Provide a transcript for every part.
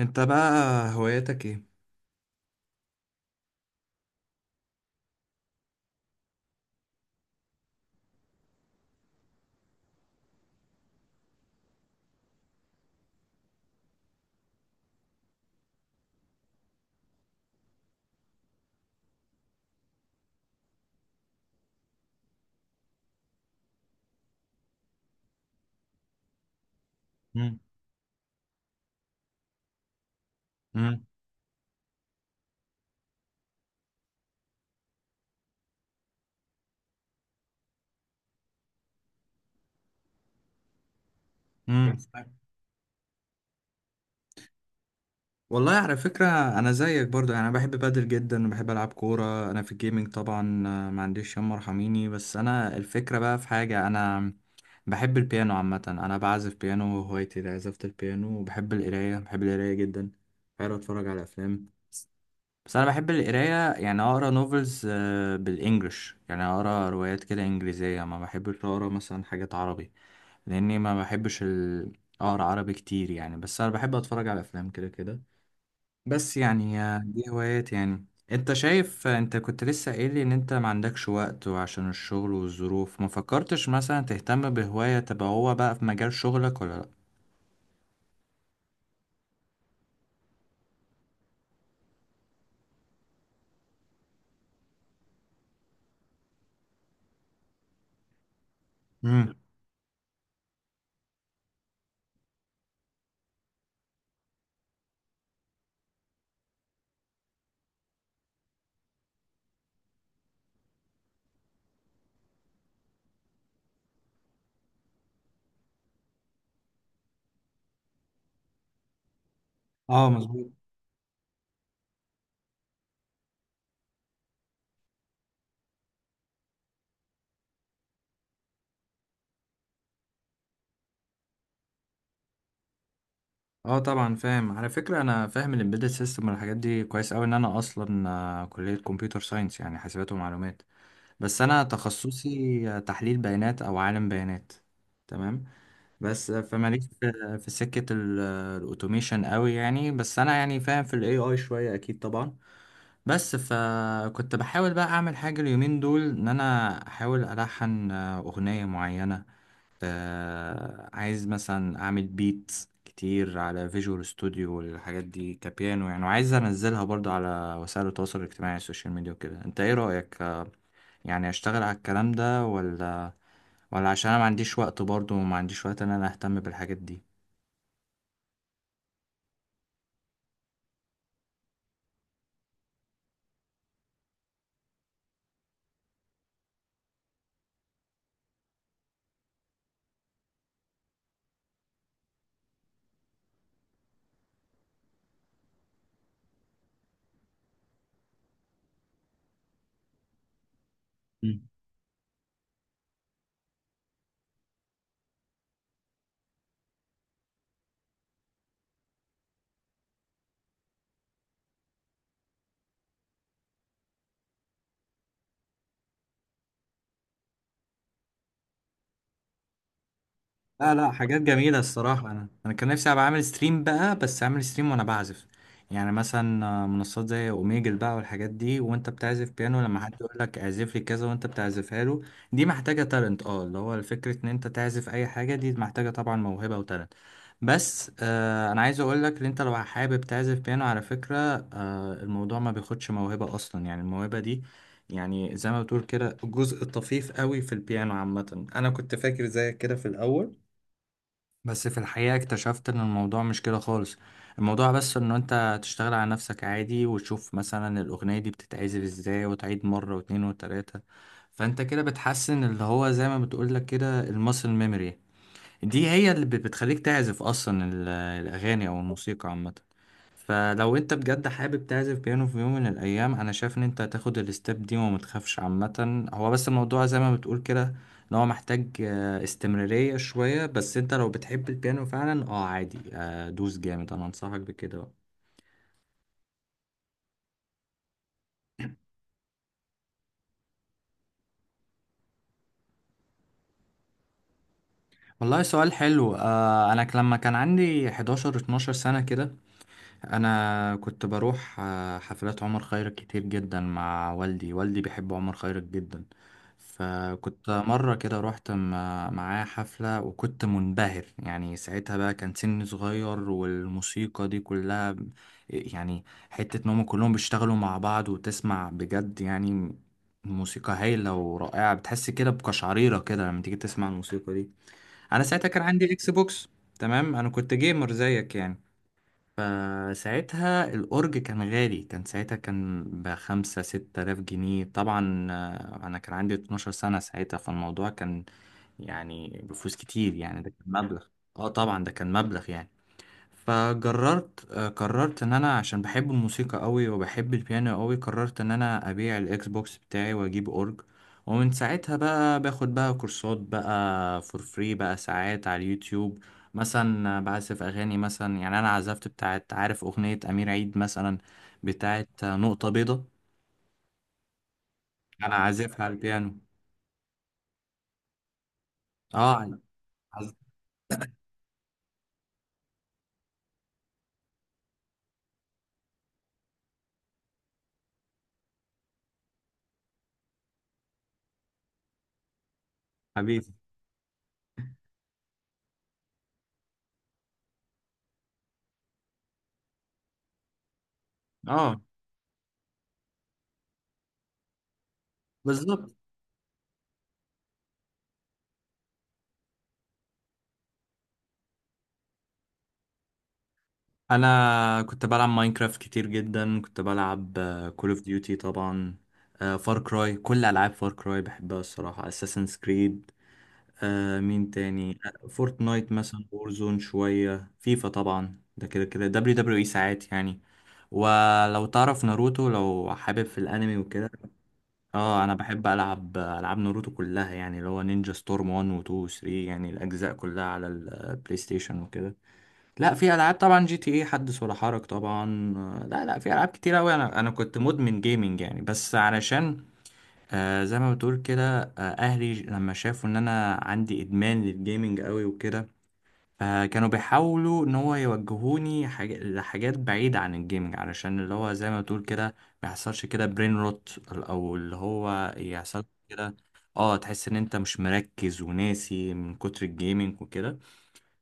انت بقى، هواياتك ايه؟ مم. مم. مم. والله، على فكرة أنا زيك برضه. يعني أنا بحب بادل جدا وبحب ألعب كورة. أنا في الجيمنج طبعا ما عنديش، يما ارحميني. بس أنا الفكرة بقى في حاجة، أنا بحب البيانو عامة. أنا بعزف بيانو وهوايتي عزفة البيانو، وبحب القراية، بحب القراية جدا. بحب أتفرج على أفلام. بس أنا بحب القراية، يعني أقرأ نوفلز بالإنجلش. يعني أقرأ روايات كده إنجليزية، ما بحبش أقرأ مثلا حاجات عربي، لاني ما بحبش اقرا عربي كتير. يعني بس انا بحب اتفرج على افلام كده كده. بس يعني دي هوايات يعني. انت شايف انت كنت لسه قايل لي ان انت ما عندكش وقت، وعشان الشغل والظروف ما فكرتش مثلا تهتم بهواية تبقى هو بقى في مجال شغلك، ولا لا؟ امم. اه مظبوط. اه طبعا فاهم، على فكرة انا فاهم الامبيدد سيستم والحاجات دي كويس قوي، ان انا اصلا كلية كمبيوتر ساينس يعني حاسبات ومعلومات. بس انا تخصصي تحليل بيانات او عالم بيانات. تمام. بس فماليش في سكة الاوتوميشن قوي يعني. بس انا يعني فاهم في الاي اي شوية، اكيد طبعا. بس فكنت بحاول بقى اعمل حاجة اليومين دول، ان انا احاول الحن اغنية معينة. عايز مثلا اعمل بيت كتير على فيجوال ستوديو والحاجات دي كبيانو يعني، وعايز انزلها برضه على وسائل التواصل الاجتماعي السوشيال ميديا وكده. انت ايه رأيك؟ يعني اشتغل على الكلام ده ولا ولا؟ عشان انا ما عنديش وقت برضه، وما عنديش وقت ان انا اهتم بالحاجات دي. لا لا، حاجات جميلة الصراحة. أنا كان نفسي أبقى عامل ستريم بقى، بس عامل ستريم وأنا بعزف. يعني مثلا منصات زي أوميجل بقى والحاجات دي، وأنت بتعزف بيانو لما حد يقول لك اعزف لي كذا وأنت بتعزفها له. دي محتاجة تالنت، أه اللي هو فكرة إن أنت تعزف أي حاجة دي محتاجة طبعا موهبة وتالنت. بس آه، أنا عايز أقول لك إن أنت لو حابب تعزف بيانو، على فكرة آه الموضوع ما بياخدش موهبة أصلا. يعني الموهبة دي، يعني زي ما بتقول كده، جزء طفيف قوي في البيانو عامة. أنا كنت فاكر زيك كده في الأول، بس في الحقيقة اكتشفت ان الموضوع مش كده خالص. الموضوع بس انه انت تشتغل على نفسك عادي، وتشوف مثلا الاغنية دي بتتعزف ازاي، وتعيد مرة واتنين وتلاتة. فانت كده بتحسن اللي هو زي ما بتقولك كده الماسل ميموري. دي هي اللي بتخليك تعزف اصلا الاغاني او الموسيقى عامة. فلو انت بجد حابب تعزف بيانو في يوم من الايام، انا شايف ان انت هتاخد الستيب دي وما تخافش. عامه هو بس الموضوع زي ما بتقول كده، ان هو محتاج استمراريه شويه. بس انت لو بتحب البيانو فعلا، اه عادي دوس جامد، انا انصحك بكده بقى. والله سؤال حلو. انا لما كان عندي 11 12 سنه كده، انا كنت بروح حفلات عمر خيرت كتير جدا مع والدي. والدي بيحب عمر خيرت جدا. فكنت مرة كده رحت معاه حفلة، وكنت منبهر. يعني ساعتها بقى كان سني صغير، والموسيقى دي كلها يعني حتة ان هم كلهم بيشتغلوا مع بعض وتسمع بجد يعني موسيقى هايلة ورائعة. بتحس كده بقشعريرة كده لما تيجي تسمع الموسيقى دي. انا ساعتها كان عندي اكس بوكس. تمام، انا كنت جيمر زيك يعني. فساعتها الأورج كان غالي، كان ساعتها كان بخمسة ستة آلاف جنيه طبعا. أنا كان عندي 12 سنة ساعتها، فالموضوع كان يعني بفلوس كتير يعني، ده كان مبلغ. اه طبعا ده كان مبلغ يعني. فقررت قررت ان انا عشان بحب الموسيقى قوي وبحب البيانو قوي، قررت ان انا ابيع الاكس بوكس بتاعي واجيب اورج. ومن ساعتها بقى باخد بقى كورسات بقى فور فري بقى ساعات على اليوتيوب. مثلا بعزف اغاني مثلا. يعني انا عزفت بتاعت، عارف اغنية امير عيد مثلا، بتاعت نقطة بيضة؟ انا عازفها على البيانو. اه عزف. حبيبي. اه بالظبط، انا كنت بلعب ماينكرافت كتير جدا. كنت بلعب كول اوف ديوتي طبعا، فار كراي، كل العاب فار كراي بحبها الصراحه، اساسنز كريد. مين تاني؟ فورتنايت مثلا، وورزون شويه، فيفا طبعا ده كده كده، دبليو دبليو اي ساعات يعني. ولو تعرف ناروتو، لو حابب في الانمي وكده، اه انا بحب العب العاب ناروتو كلها، يعني اللي هو نينجا ستورم 1 و 2 و 3، يعني الاجزاء كلها على البلاي ستيشن وكده. لا في العاب طبعا، جي تي اي حدث ولا حرج طبعا. لا لا، في العاب كتير قوي. انا كنت مدمن جيمنج يعني، بس علشان آه زي ما بتقول كده، آه اهلي لما شافوا ان انا عندي ادمان للجيمنج قوي وكده، فكانوا بيحاولوا ان هو يوجهوني لحاجات بعيدة عن الجيمنج، علشان اللي هو زي ما بتقول كده ما يحصلش كده برين روت، او اللي هو يحصل كده اه تحس ان انت مش مركز وناسي من كتر الجيمنج وكده.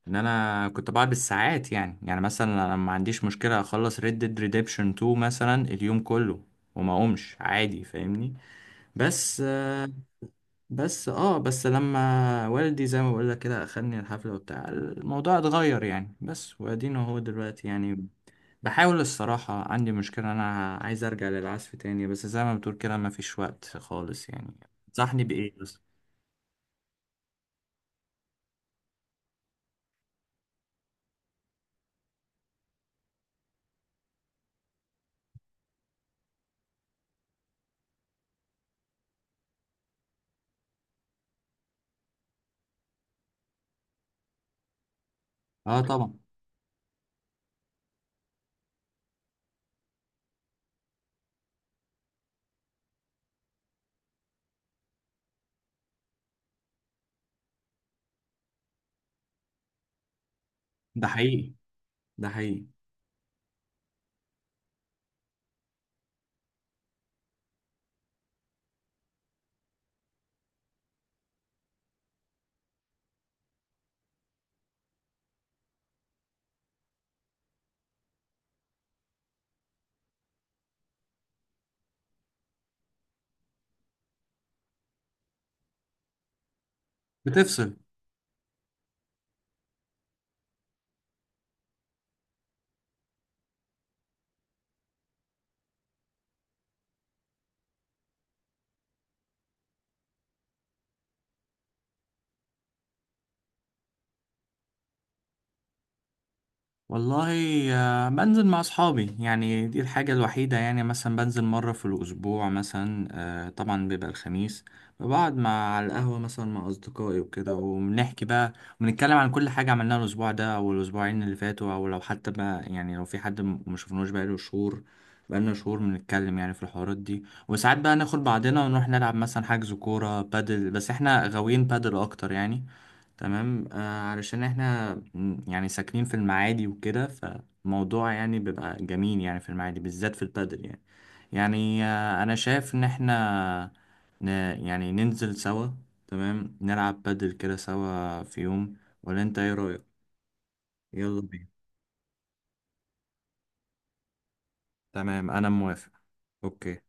ان انا كنت بقعد بالساعات يعني مثلا انا ما عنديش مشكله اخلص ريد ديد ريديمشن 2 مثلا اليوم كله، وما اقومش عادي، فاهمني؟ بس آه، بس اه بس لما والدي زي ما بقول لك كده اخدني الحفله وبتاع، الموضوع اتغير يعني. بس وادينا هو دلوقتي يعني بحاول. الصراحه عندي مشكله، انا عايز ارجع للعزف تاني، بس زي ما بتقول كده ما فيش وقت خالص يعني. تنصحني بايه بس؟ اه طبعا، ده حقيقي ده حقيقي. بتفصل. والله بنزل مع اصحابي، يعني دي الحاجة الوحيدة. يعني مثلا بنزل مرة في الاسبوع مثلا، طبعا بيبقى الخميس. بقعد مع، على القهوة مثلا مع اصدقائي وكده، وبنحكي بقى ونتكلم عن كل حاجة عملناها الاسبوع ده او الاسبوعين اللي فاتوا، او لو حتى بقى يعني لو في حد ما شفناهوش بقاله شهور، بقالنا شهور بنتكلم يعني في الحوارات دي. وساعات بقى ناخد بعضنا ونروح نلعب، مثلا حجز كورة بادل، بس احنا غاويين بادل اكتر يعني. تمام. آه، علشان احنا يعني ساكنين في المعادي وكده، فالموضوع يعني بيبقى جميل يعني في المعادي بالذات في البادل يعني. يعني آه انا شايف ان احنا ن، يعني ننزل سوا، تمام، نلعب بادل كده سوا في يوم، ولا انت ايه رأيك؟ يلا بينا. تمام انا موافق. اوكي.